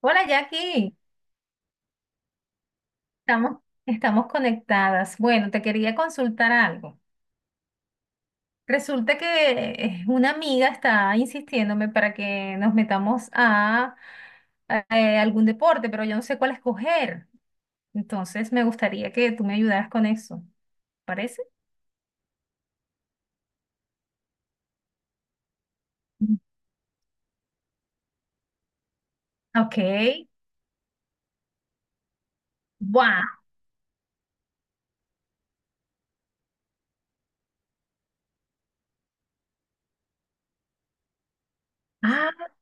Hola Jackie, estamos, estamos conectadas. Bueno, te quería consultar algo. Resulta que una amiga está insistiéndome para que nos metamos a algún deporte, pero yo no sé cuál escoger. Entonces me gustaría que tú me ayudaras con eso. ¿Parece? Mm. Ok. ¡Wow! Ah,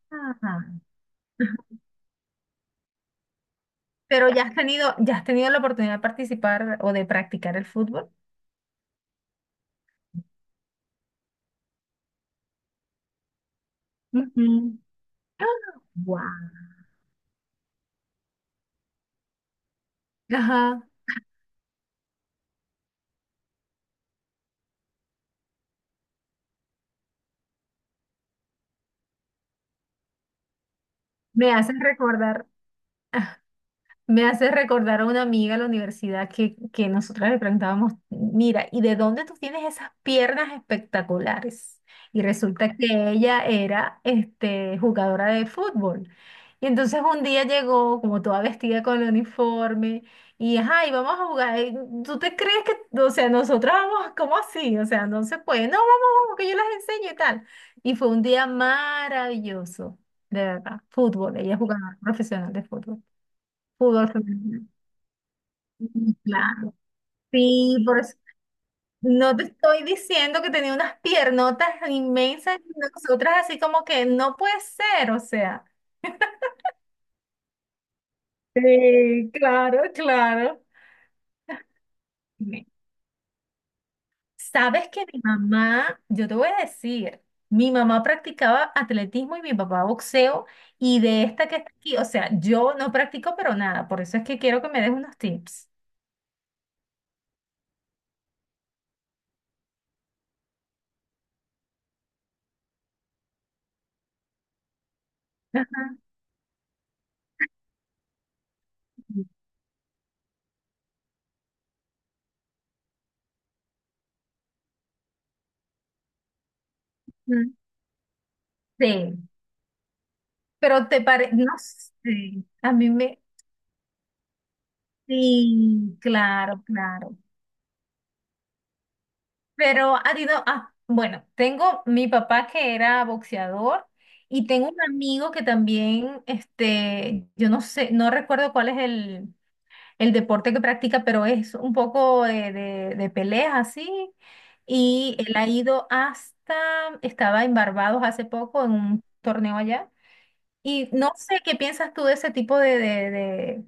pero ya has tenido la oportunidad de participar o de practicar el fútbol. Ujú. ¡Ah! Guau. Ajá. Me hacen recordar. Me hace recordar a una amiga de la universidad que nosotras le preguntábamos, mira, ¿y de dónde tú tienes esas piernas espectaculares? Y resulta que ella era jugadora de fútbol. Y entonces un día llegó como toda vestida con el uniforme y, ajá, y vamos a jugar. Y ¿tú te crees que, o sea, nosotras vamos, ¿cómo así? O sea, no se puede. No, vamos, vamos, que yo las enseño y tal. Y fue un día maravilloso, de verdad. Fútbol, ella es jugadora profesional de fútbol pudo femenino. Mm, claro. Sí, por eso. No te estoy diciendo que tenía unas piernotas inmensas y nosotras así como que no puede ser, o sea. Sí, claro, claro. Dime, ¿sabes que mi mamá? Yo te voy a decir, mi mamá practicaba atletismo y mi papá boxeo, y de esta que está aquí, o sea, yo no practico pero nada, por eso es que quiero que me des unos tips. Ajá. Ujú. Sí, pero te parece, no sé, sí, claro, claro. Pero ha ido, ah, bueno, tengo mi papá que era boxeador y tengo un amigo que también, yo no sé, no recuerdo cuál es el deporte que practica, pero es un poco de peleas así. Y él ha ido hasta, estaba en Barbados hace poco en un torneo allá. Y no sé qué piensas tú de ese tipo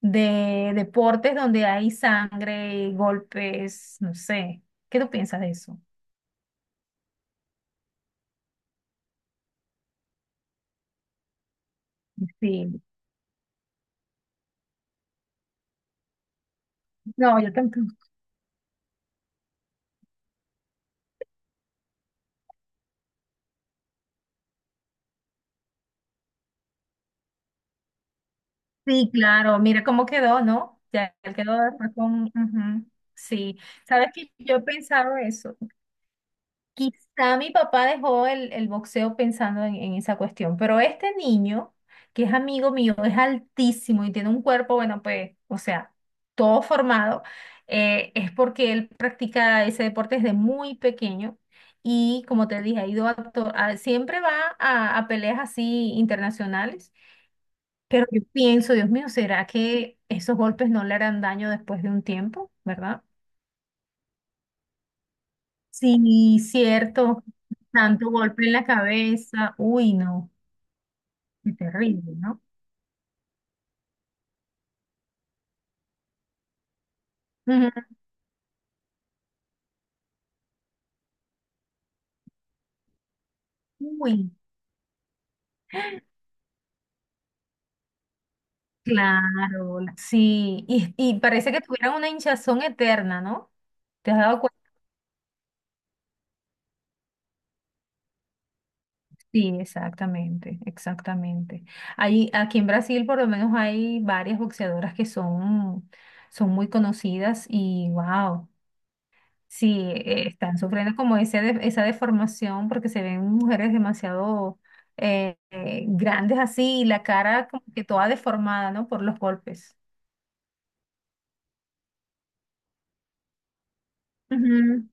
de deportes donde hay sangre, golpes, no sé. ¿Qué tú piensas de eso? Sí, no, yo tampoco. Sí, claro, mira cómo quedó, ¿no? Ya él quedó después con... ujú, sí, sabes que yo he pensado eso. Quizá mi papá dejó el boxeo pensando en esa cuestión, pero este niño, que es amigo mío, es altísimo y tiene un cuerpo, bueno, pues, o sea, todo formado, es porque él practica ese deporte desde muy pequeño y, como te dije, ha ido a, to- a- siempre va a peleas así internacionales, pero yo pienso, Dios mío, ¿será que esos golpes no le harán daño después de un tiempo, ¿verdad? Sí, cierto. Tanto golpe en la cabeza. Uy, no. Qué terrible, ¿no? Ujú. Uy, claro. Sí. Y parece que tuvieran una hinchazón eterna, ¿no? ¿Te has dado cuenta? Sí, exactamente, exactamente. Ahí, aquí en Brasil por lo menos hay varias boxeadoras que son, son muy conocidas y wow. Sí, están sufriendo como esa deformación porque se ven mujeres demasiado grandes así y la cara como que toda deformada, ¿no? Por los golpes. Ujú.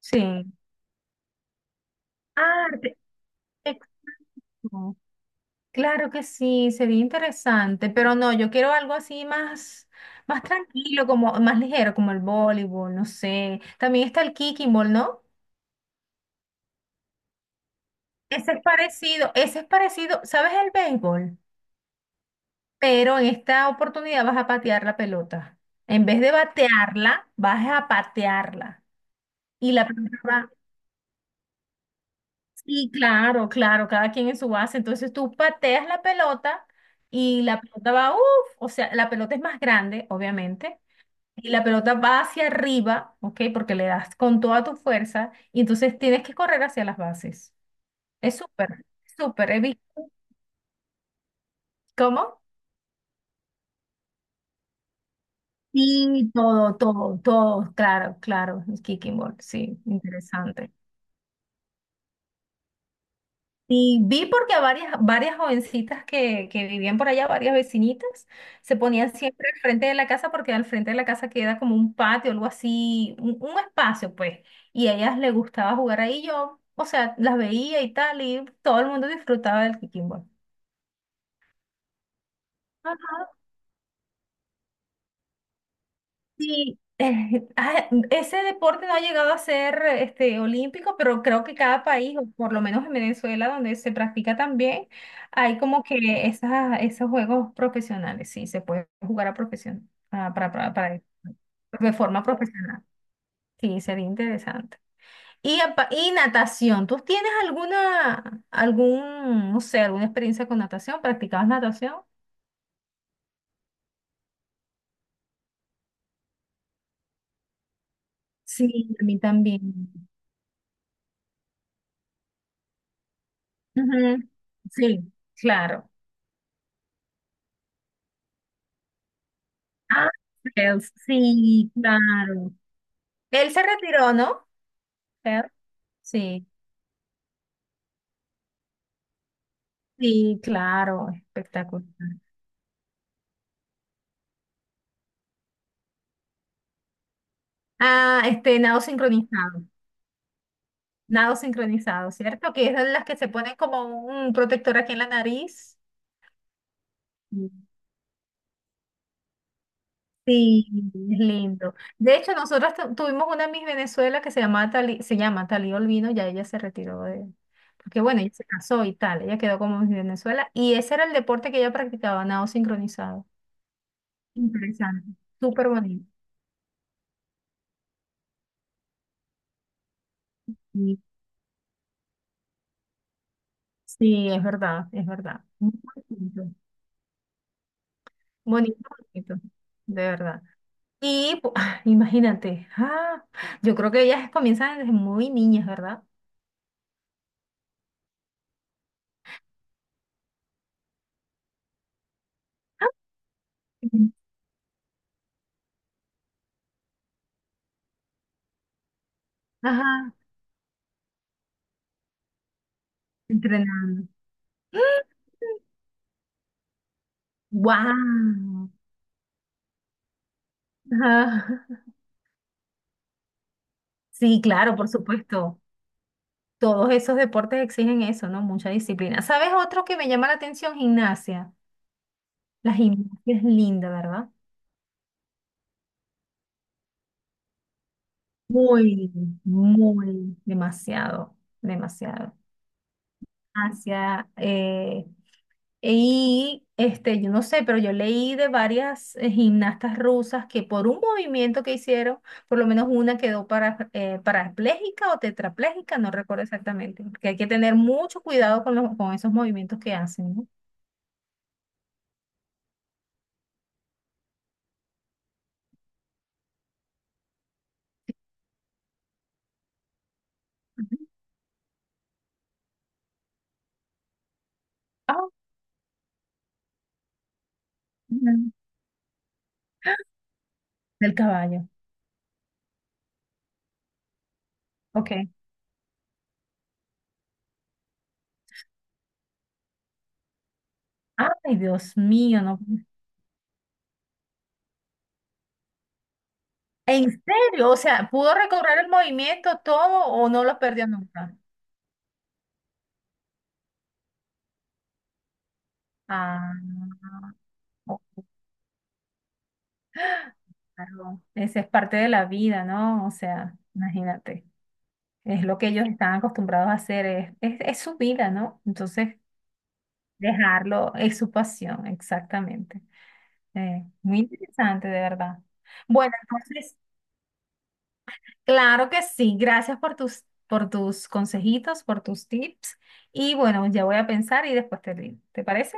Sí. Ah, no, claro que sí, sería interesante, pero no, yo quiero algo así más, más tranquilo, como más ligero, como el voleibol, no sé. También está el kicking ball, ¿no? Ese es parecido, ¿sabes el béisbol? Pero en esta oportunidad vas a patear la pelota. En vez de batearla, vas a patearla. Y la pelota va. Sí, claro, claro, cada quien en su base. Entonces tú pateas la pelota y la pelota va, uff, o sea, la pelota es más grande, obviamente. Y la pelota va hacia arriba, ¿ok? Porque le das con toda tu fuerza y entonces tienes que correr hacia las bases. Es súper, súper. He visto. ¿Cómo? Sí, todo, todo, todo, claro, claro, el kicking ball, sí, interesante. Y vi porque a varias jovencitas que vivían por allá, varias vecinitas, se ponían siempre al frente de la casa porque al frente de la casa queda como un patio, algo así, un espacio, pues. Y a ellas les gustaba jugar ahí, yo, o sea, las veía y tal, y todo el mundo disfrutaba del kicking ball. Ajá. Sí, ah, ese deporte no ha llegado a ser olímpico, pero creo que cada país, o por lo menos en Venezuela, donde se practica también, hay como que esas, esos juegos profesionales, sí, se puede jugar a profesión, ah, de forma profesional. Sí, sería interesante. Y, y natación, ¿tú tienes alguna, algún, no sé, alguna experiencia con natación? ¿Practicabas natación? Sí, a mí también. Ujú, sí, claro. Ah, Sales, sí, claro. Él se retiró, ¿no? Sales, sí, sí, claro, espectacular. Ah, nado sincronizado. Nado sincronizado, ¿cierto? Que es de las que se ponen como un protector aquí en la nariz. Mm. Sí, es lindo. De hecho, nosotros tuvimos una Miss Venezuela que se llama se llama Talía Olvino, ya ella se retiró de, porque bueno, ella se casó y tal, ella quedó como Miss Venezuela, y ese era el deporte que ella practicaba, nado sincronizado. Interesante, súper bonito. Sí, sí, es verdad, es verdad. Muy bonito, bonito, bonito, de verdad. Ah, imagínate, ah, yo creo que ellas comienzan desde muy niñas, ¿verdad? Ah, ujú. Ajá, entrenando. ¡Wow! Sí, claro, por supuesto. Todos esos deportes exigen eso, ¿no? Mucha disciplina. ¿Sabes otro que me llama la atención? Gimnasia. La gimnasia es linda, ¿verdad? Muy, muy, demasiado, demasiado. Hacia, y yo no sé, pero yo leí de varias gimnastas rusas que por un movimiento que hicieron, por lo menos una quedó para, parapléjica o tetrapléjica, no recuerdo exactamente, porque hay que tener mucho cuidado con, con esos movimientos que hacen, ¿no? Ujú. Ah, ujú. Del caballo. Ok. Ay, Dios mío, no. ¿En serio? O sea, ¿pudo recobrar el movimiento todo o no lo perdió nunca? Ah, oh, claro. Esa es parte de la vida, ¿no? O sea, imagínate. Es lo que ellos están acostumbrados a hacer, es su vida, ¿no? Entonces, dejarlo es su pasión, exactamente. Muy interesante, de verdad. Bueno, entonces, claro que sí. Gracias por tus consejitos, por tus tips. Y bueno, ya voy a pensar y después te digo. ¿Te parece?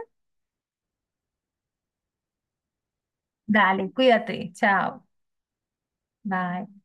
Dale, cuídate. Chao. Bye.